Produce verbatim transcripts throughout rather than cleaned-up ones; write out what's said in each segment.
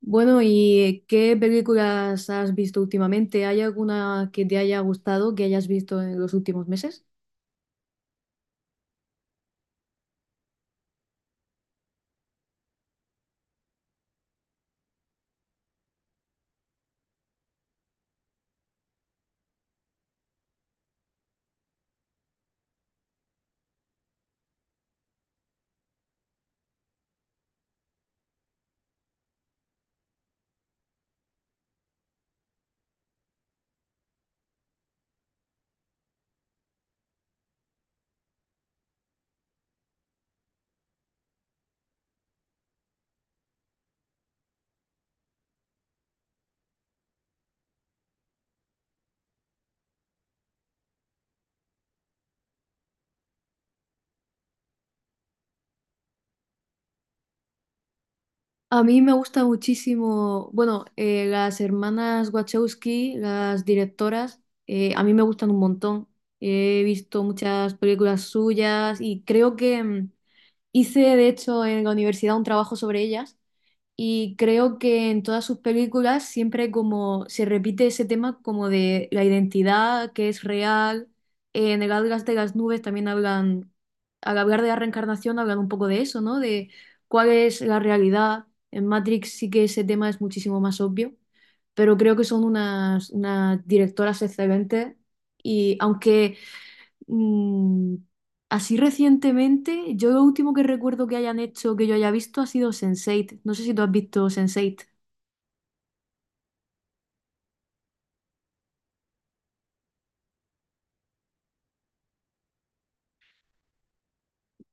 Bueno, ¿y qué películas has visto últimamente? ¿Hay alguna que te haya gustado, que hayas visto en los últimos meses? A mí me gusta muchísimo, bueno, eh, las hermanas Wachowski, las directoras, eh, a mí me gustan un montón. He visto muchas películas suyas y creo que mm, hice, de hecho, en la universidad un trabajo sobre ellas. Y creo que en todas sus películas siempre como se repite ese tema como de la identidad que es real. Eh, en el Atlas de las Nubes también hablan, al hablar de la reencarnación hablan un poco de eso, ¿no? De cuál es la realidad. En Matrix sí que ese tema es muchísimo más obvio, pero creo que son unas, unas directoras excelentes. Y aunque Mm, así recientemente, yo lo último que recuerdo que hayan hecho, que yo haya visto, ha sido Sense ocho. No sé si tú has visto Sense ocho.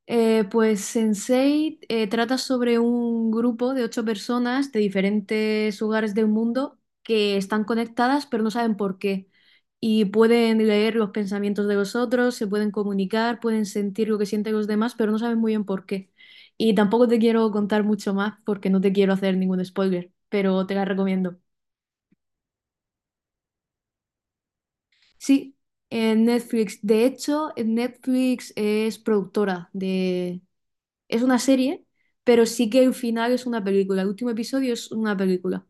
Eh, pues Sense ocho eh, trata sobre un grupo de ocho personas de diferentes lugares del mundo que están conectadas pero no saben por qué. Y pueden leer los pensamientos de los otros, se pueden comunicar, pueden sentir lo que sienten los demás, pero no saben muy bien por qué. Y tampoco te quiero contar mucho más porque no te quiero hacer ningún spoiler, pero te la recomiendo. Sí, en Netflix. De hecho, en Netflix es productora de... Es una serie, pero sí que el final es una película. El último episodio es una película.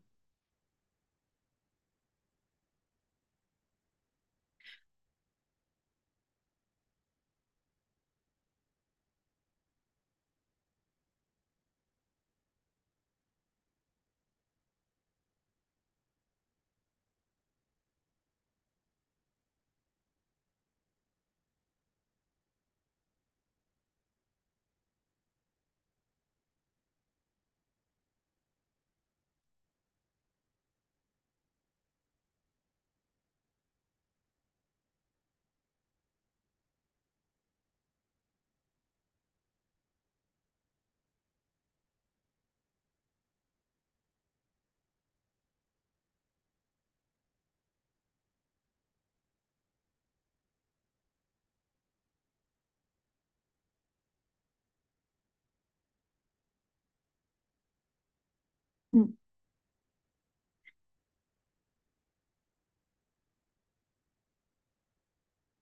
Mm.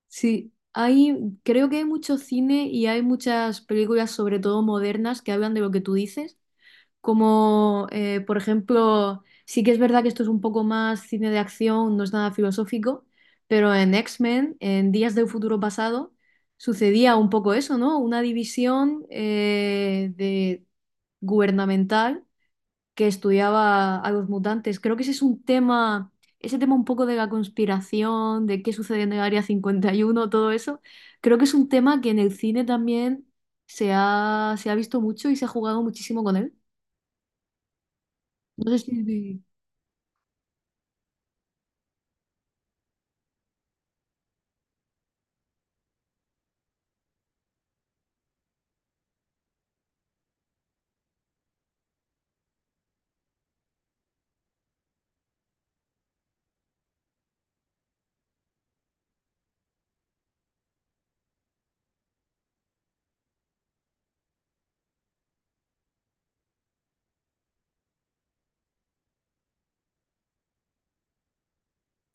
Sí, hay... creo que hay mucho cine y hay muchas películas, sobre todo modernas, que hablan de lo que tú dices, como eh, por ejemplo, sí que es verdad que esto es un poco más cine de acción, no es nada filosófico, pero en X-Men, en Días de un Futuro Pasado, sucedía un poco eso, ¿no? Una división eh, de gubernamental que estudiaba a los mutantes. Creo que ese es un tema, ese tema un poco de la conspiración, de qué sucede en el Área cincuenta y uno, todo eso, creo que es un tema que en el cine también se ha, se ha visto mucho y se ha jugado muchísimo con él. No sé si... si-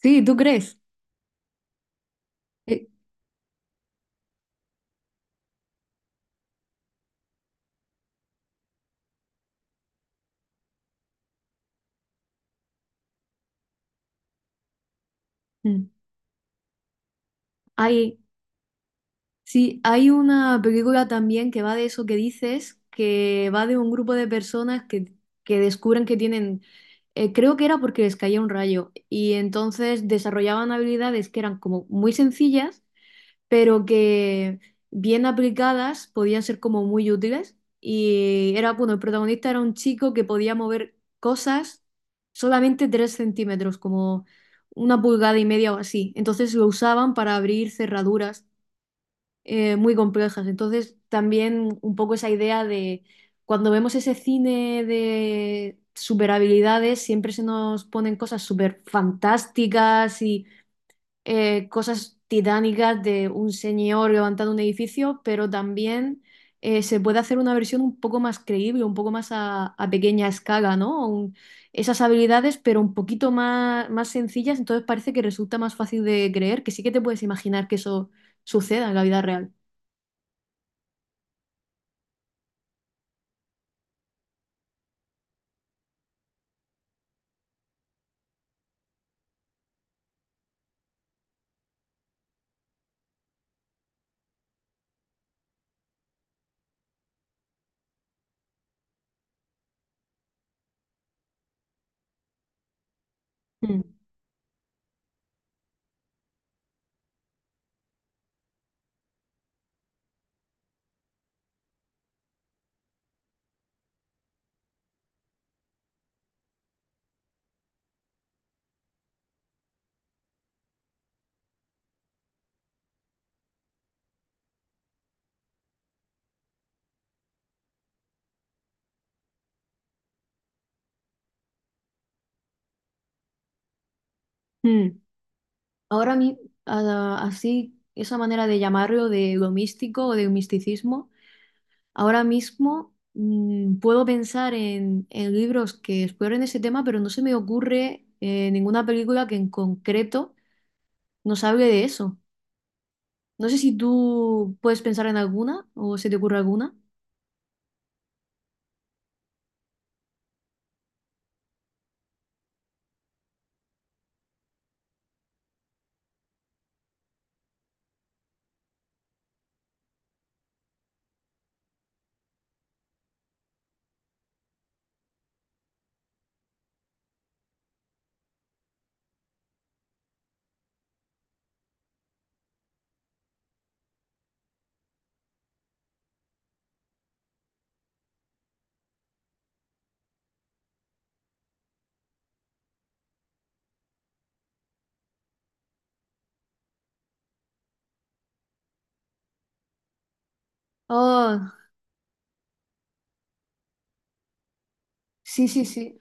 Sí, ¿tú crees? Eh, mm. Hay, sí, hay una película también que va de eso que dices, que va de un grupo de personas que, que descubren que tienen, eh, creo que era porque les caía un rayo, y entonces desarrollaban habilidades que eran como muy sencillas, pero que bien aplicadas podían ser como muy útiles. Y era, bueno, el protagonista era un chico que podía mover cosas solamente tres centímetros, como una pulgada y media o así. Entonces lo usaban para abrir cerraduras eh, muy complejas. Entonces también un poco esa idea de cuando vemos ese cine de superhabilidades, siempre se nos ponen cosas súper fantásticas y eh, cosas titánicas de un señor levantando un edificio, pero también eh, se puede hacer una versión un poco más creíble, un poco más a, a pequeña escala, ¿no? Un- esas habilidades, pero un poquito más, más sencillas, entonces parece que resulta más fácil de creer, que sí que te puedes imaginar que eso suceda en la vida real. Mm. Mm. Ahora a mí, a- así, esa manera de llamarlo de lo místico o de misticismo. Ahora mismo mm, puedo pensar en, en libros que exploren ese tema, pero no se me ocurre eh, ninguna película que en concreto nos hable de eso. No sé si tú puedes pensar en alguna o se te ocurre alguna. Oh, sí, sí, sí.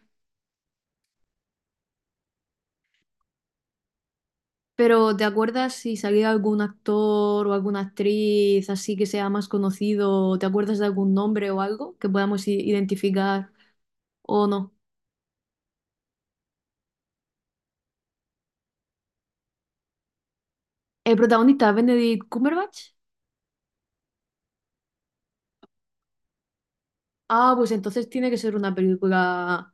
Pero ¿te acuerdas si salía algún actor o alguna actriz así que sea más conocido? ¿Te acuerdas de algún nombre o algo que podamos i- identificar o no? ¿El protagonista es Benedict Cumberbatch? Ah, pues entonces tiene que ser una película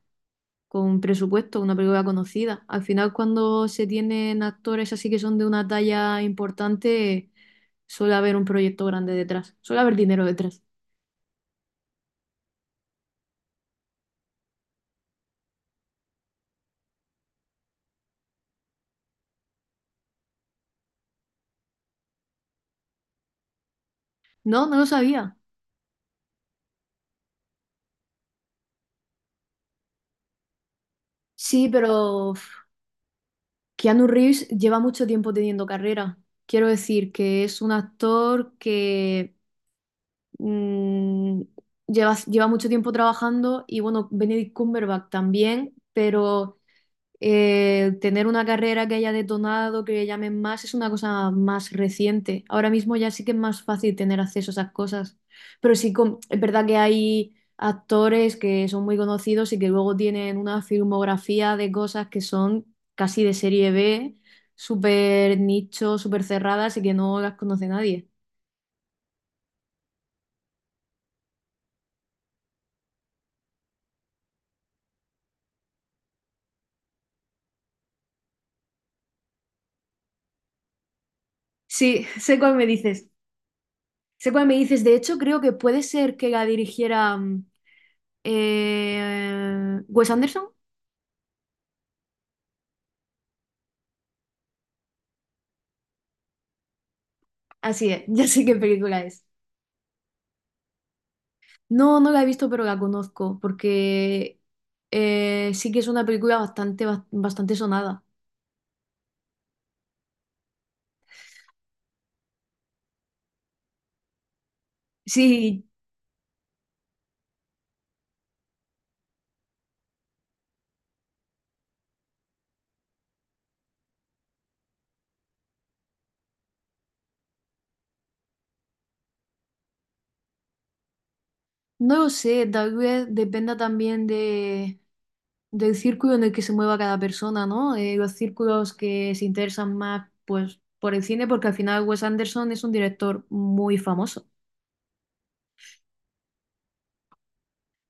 con presupuesto, una película conocida. Al final, cuando se tienen actores así que son de una talla importante, suele haber un proyecto grande detrás, suele haber dinero detrás. No, no lo sabía. Sí, pero uf, Keanu Reeves lleva mucho tiempo teniendo carrera. Quiero decir que es un actor que mm, lleva, lleva mucho tiempo trabajando y bueno, Benedict Cumberbatch también, pero eh, tener una carrera que haya detonado, que le llamen más, es una cosa más reciente. Ahora mismo ya sí que es más fácil tener acceso a esas cosas. Pero sí, con- es verdad que hay actores que son muy conocidos y que luego tienen una filmografía de cosas que son casi de serie B, súper nicho, súper cerradas y que no las conoce nadie. Sí, sé cuál me dices. Sé cuál me dices. De hecho, creo que puede ser que la dirigiera mm, eh, Wes Anderson. Así es, ya sé qué película es. No, no la he visto, pero la conozco, porque eh, sí que es una película bastante, bas- bastante sonada. Sí, no lo sé, tal vez dependa también de, del círculo en el que se mueva cada persona, ¿no? Eh, los círculos que se interesan más, pues, por el cine, porque al final Wes Anderson es un director muy famoso.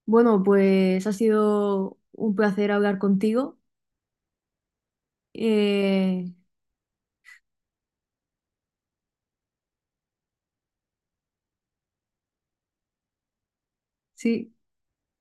Bueno, pues ha sido un placer hablar contigo. Eh, sí.